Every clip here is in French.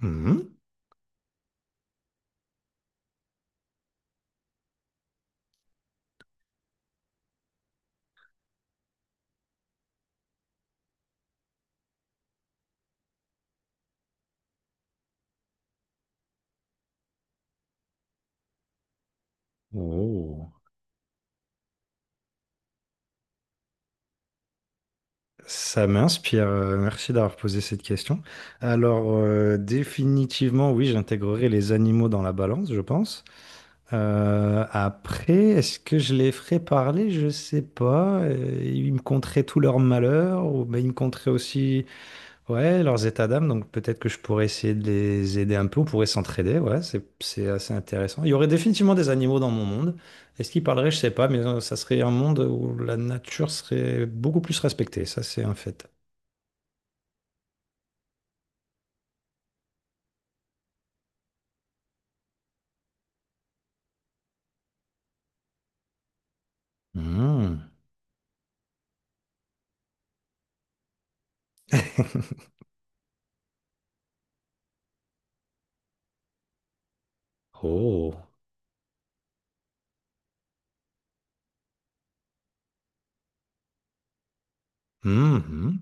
Mhm. Oh. Ça m'inspire. Merci d'avoir posé cette question. Alors, définitivement, oui, j'intégrerai les animaux dans la balance, je pense. Après, est-ce que je les ferai parler? Je sais pas. Ils me conteraient tout leur malheur, ou ben, ils me conteraient aussi Ouais, leurs états d'âme, donc peut-être que je pourrais essayer de les aider un peu, on pourrait s'entraider, ouais, c'est assez intéressant. Il y aurait définitivement des animaux dans mon monde. Est-ce qu'ils parleraient, je sais pas, mais ça serait un monde où la nature serait beaucoup plus respectée, ça c'est un fait. Hmm. Oh. Mhm.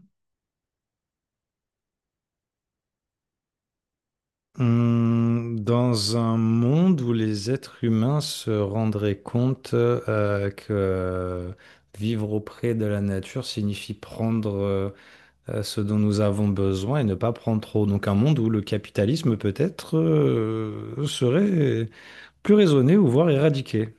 Hmm. Dans un monde où les êtres humains se rendraient compte que vivre auprès de la nature signifie prendre ce dont nous avons besoin et ne pas prendre trop. Donc un monde où le capitalisme peut-être serait plus raisonné ou voire éradiqué.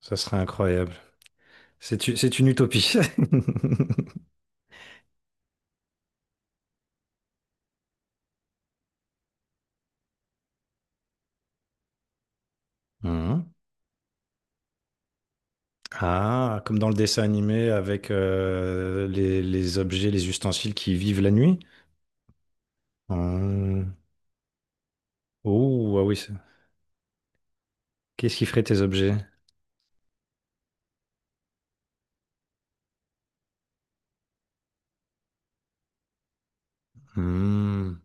Ça serait incroyable. C'est c'est une utopie. Mhm. Ah, comme dans le dessin animé avec les objets, les ustensiles qui vivent la nuit. Hmm. Oh, ah oui. Qu'est-ce qui ferait tes objets? Hmm.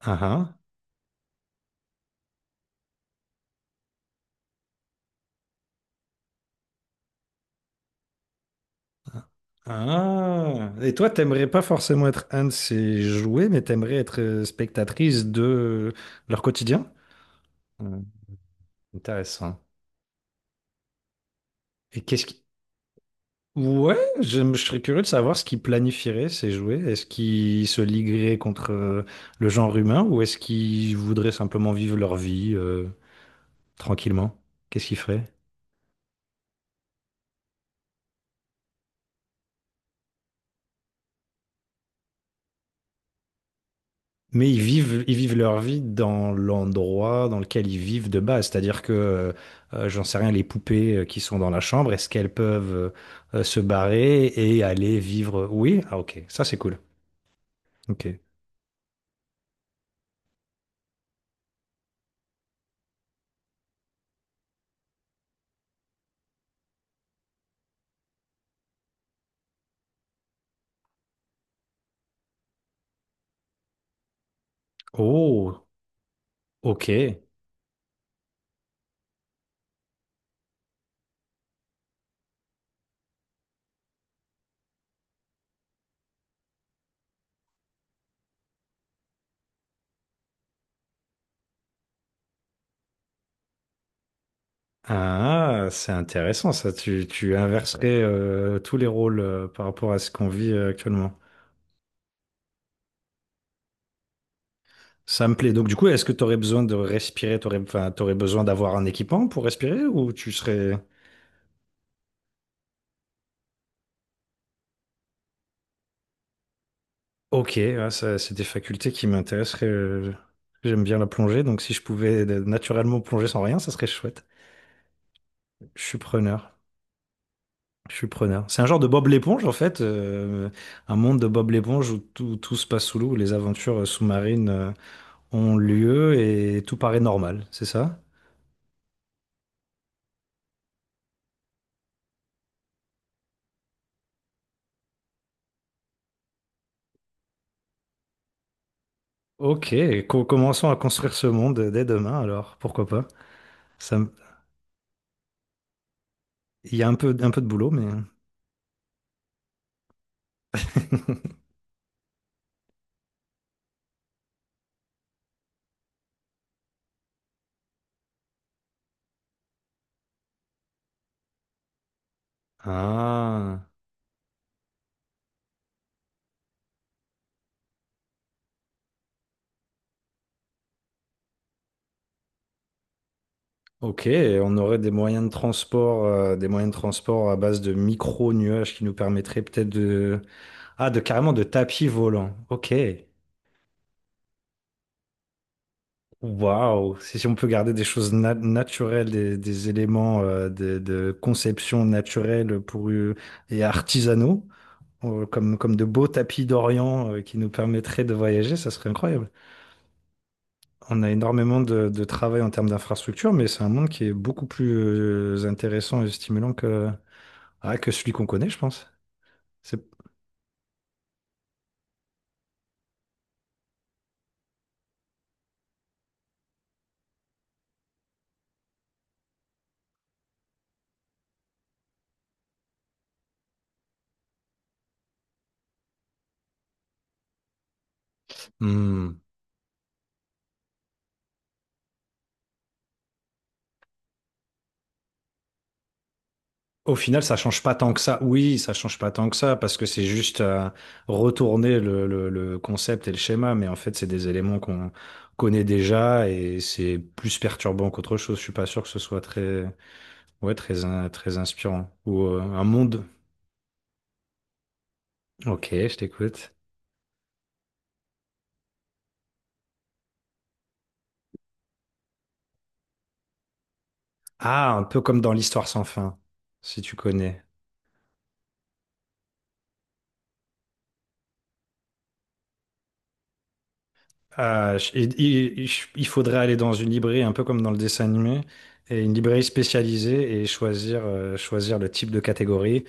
Ah ah. Ah, et toi, t'aimerais pas forcément être un de ces jouets, mais t'aimerais être spectatrice de leur quotidien? Hmm, intéressant. Et qu'est-ce qui... Ouais, je serais curieux de savoir ce qu'ils planifieraient, ces jouets. Est-ce qu'ils se ligueraient contre le genre humain ou est-ce qu'ils voudraient simplement vivre leur vie tranquillement? Qu'est-ce qu'ils feraient? Mais ils vivent leur vie dans l'endroit dans lequel ils vivent de base. C'est-à-dire que, j'en sais rien, les poupées qui sont dans la chambre, est-ce qu'elles peuvent se barrer et aller vivre? Oui? Ah, ok. Ça, c'est cool. Ok. Oh, ok. Ah, c'est intéressant, ça. Tu inverserais tous les rôles par rapport à ce qu'on vit actuellement. Ça me plaît. Donc, du coup, est-ce que tu aurais besoin de respirer? T'aurais, enfin, t'aurais besoin d'avoir un équipement pour respirer ou tu serais... Ok, ouais, ça, c'est des facultés qui m'intéresseraient. J'aime bien la plongée, donc si je pouvais naturellement plonger sans rien, ça serait chouette. Je suis preneur. Je suis preneur. C'est un genre de Bob l'éponge, en fait. Un monde de Bob l'éponge où tout se passe sous l'eau, où les aventures sous-marines ont lieu et tout paraît normal, c'est ça? Ok, commençons à construire ce monde dès demain, alors, pourquoi pas? Ça, me- il y a un peu de boulot, mais... Ah. Ok, et on aurait des moyens de transport, des moyens de transport à base de micro-nuages qui nous permettraient peut-être de... Ah, de carrément de tapis volants. Ok, waouh, si on peut garder des choses naturelles, des éléments de conception naturelle pour, et artisanaux, comme de beaux tapis d'Orient qui nous permettraient de voyager, ça serait incroyable. On a énormément de travail en termes d'infrastructure, mais c'est un monde qui est beaucoup plus intéressant et stimulant. Ah, que celui qu'on connaît, je pense. C'est- Hmm. Au final, ça change pas tant que ça. Oui, ça change pas tant que ça parce que c'est juste retourner le concept et le schéma, mais en fait, c'est des éléments qu'on connaît déjà et c'est plus perturbant qu'autre chose. Je suis pas sûr que ce soit ouais, très inspirant ou un monde. Ok, je t'écoute. Ah, un peu comme dans l'histoire sans fin, si tu connais. Ah, il faudrait aller dans une librairie un peu comme dans le dessin animé, et une librairie spécialisée et choisir, choisir le type de catégorie.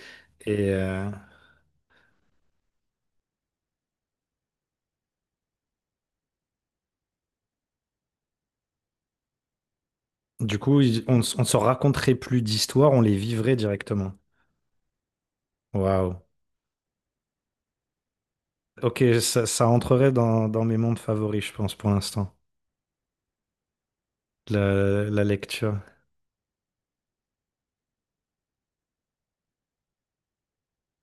Et du coup, on ne on ne se raconterait plus d'histoires, on les vivrait directement. Waouh. Ok, ça entrerait dans mes mondes favoris, je pense, pour l'instant, la lecture.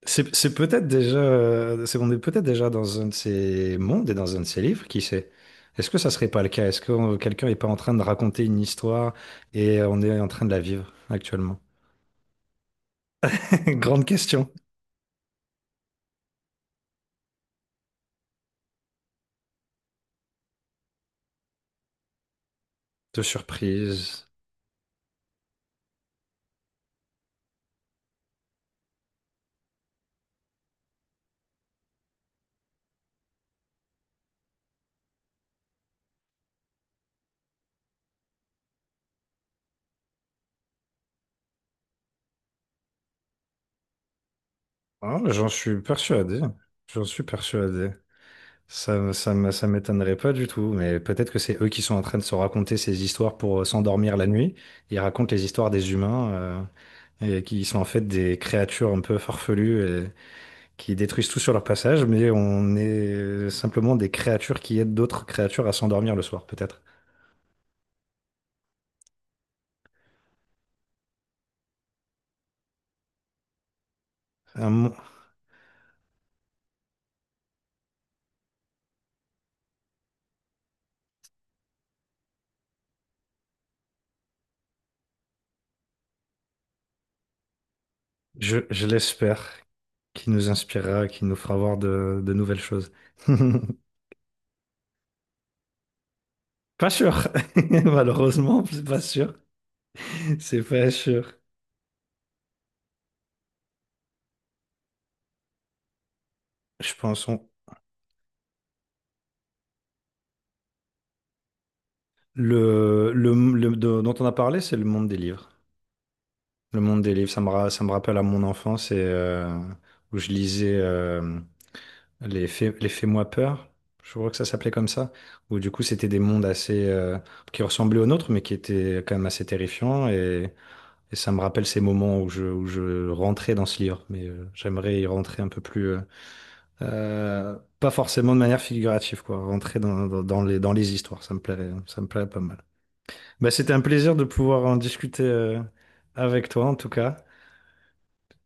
C'est peut-être déjà, c'est, on est peut-être déjà dans un de ces mondes et dans un de ces livres, qui sait? Est-ce que ça serait pas le cas? Est-ce que quelqu'un n'est pas en train de raconter une histoire et on est en train de la vivre actuellement? Grande question de surprise. Ah, j'en suis persuadé. J'en suis persuadé. Ça m'étonnerait pas du tout, mais peut-être que c'est eux qui sont en train de se raconter ces histoires pour s'endormir la nuit. Ils racontent les histoires des humains et qui sont en fait des créatures un peu farfelues qui détruisent tout sur leur passage, mais on est simplement des créatures qui aident d'autres créatures à s'endormir le soir, peut-être. Un mon- je l'espère, qui nous inspirera, qui nous fera voir de nouvelles choses. Pas sûr, malheureusement, c'est pas sûr. C'est pas sûr. Je pense on- le- de- dont on a parlé, c'est le monde des livres. Le monde des livres, ça me rappelle à mon enfance et où je lisais. Les Fais-moi peur, je crois que ça s'appelait comme ça, où du coup c'était des mondes assez qui ressemblaient aux nôtres, mais qui étaient quand même assez terrifiants. Et ça me rappelle ces moments où où je rentrais dans ce livre, mais j'aimerais y rentrer un peu plus, pas forcément de manière figurative, quoi, rentrer dans les histoires, ça me plairait pas mal. Bah, c'était un plaisir de pouvoir en discuter avec toi, en tout cas.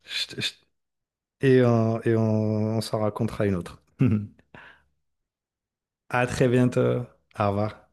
Je- je- et, et on s'en racontera une autre. À très bientôt, au revoir.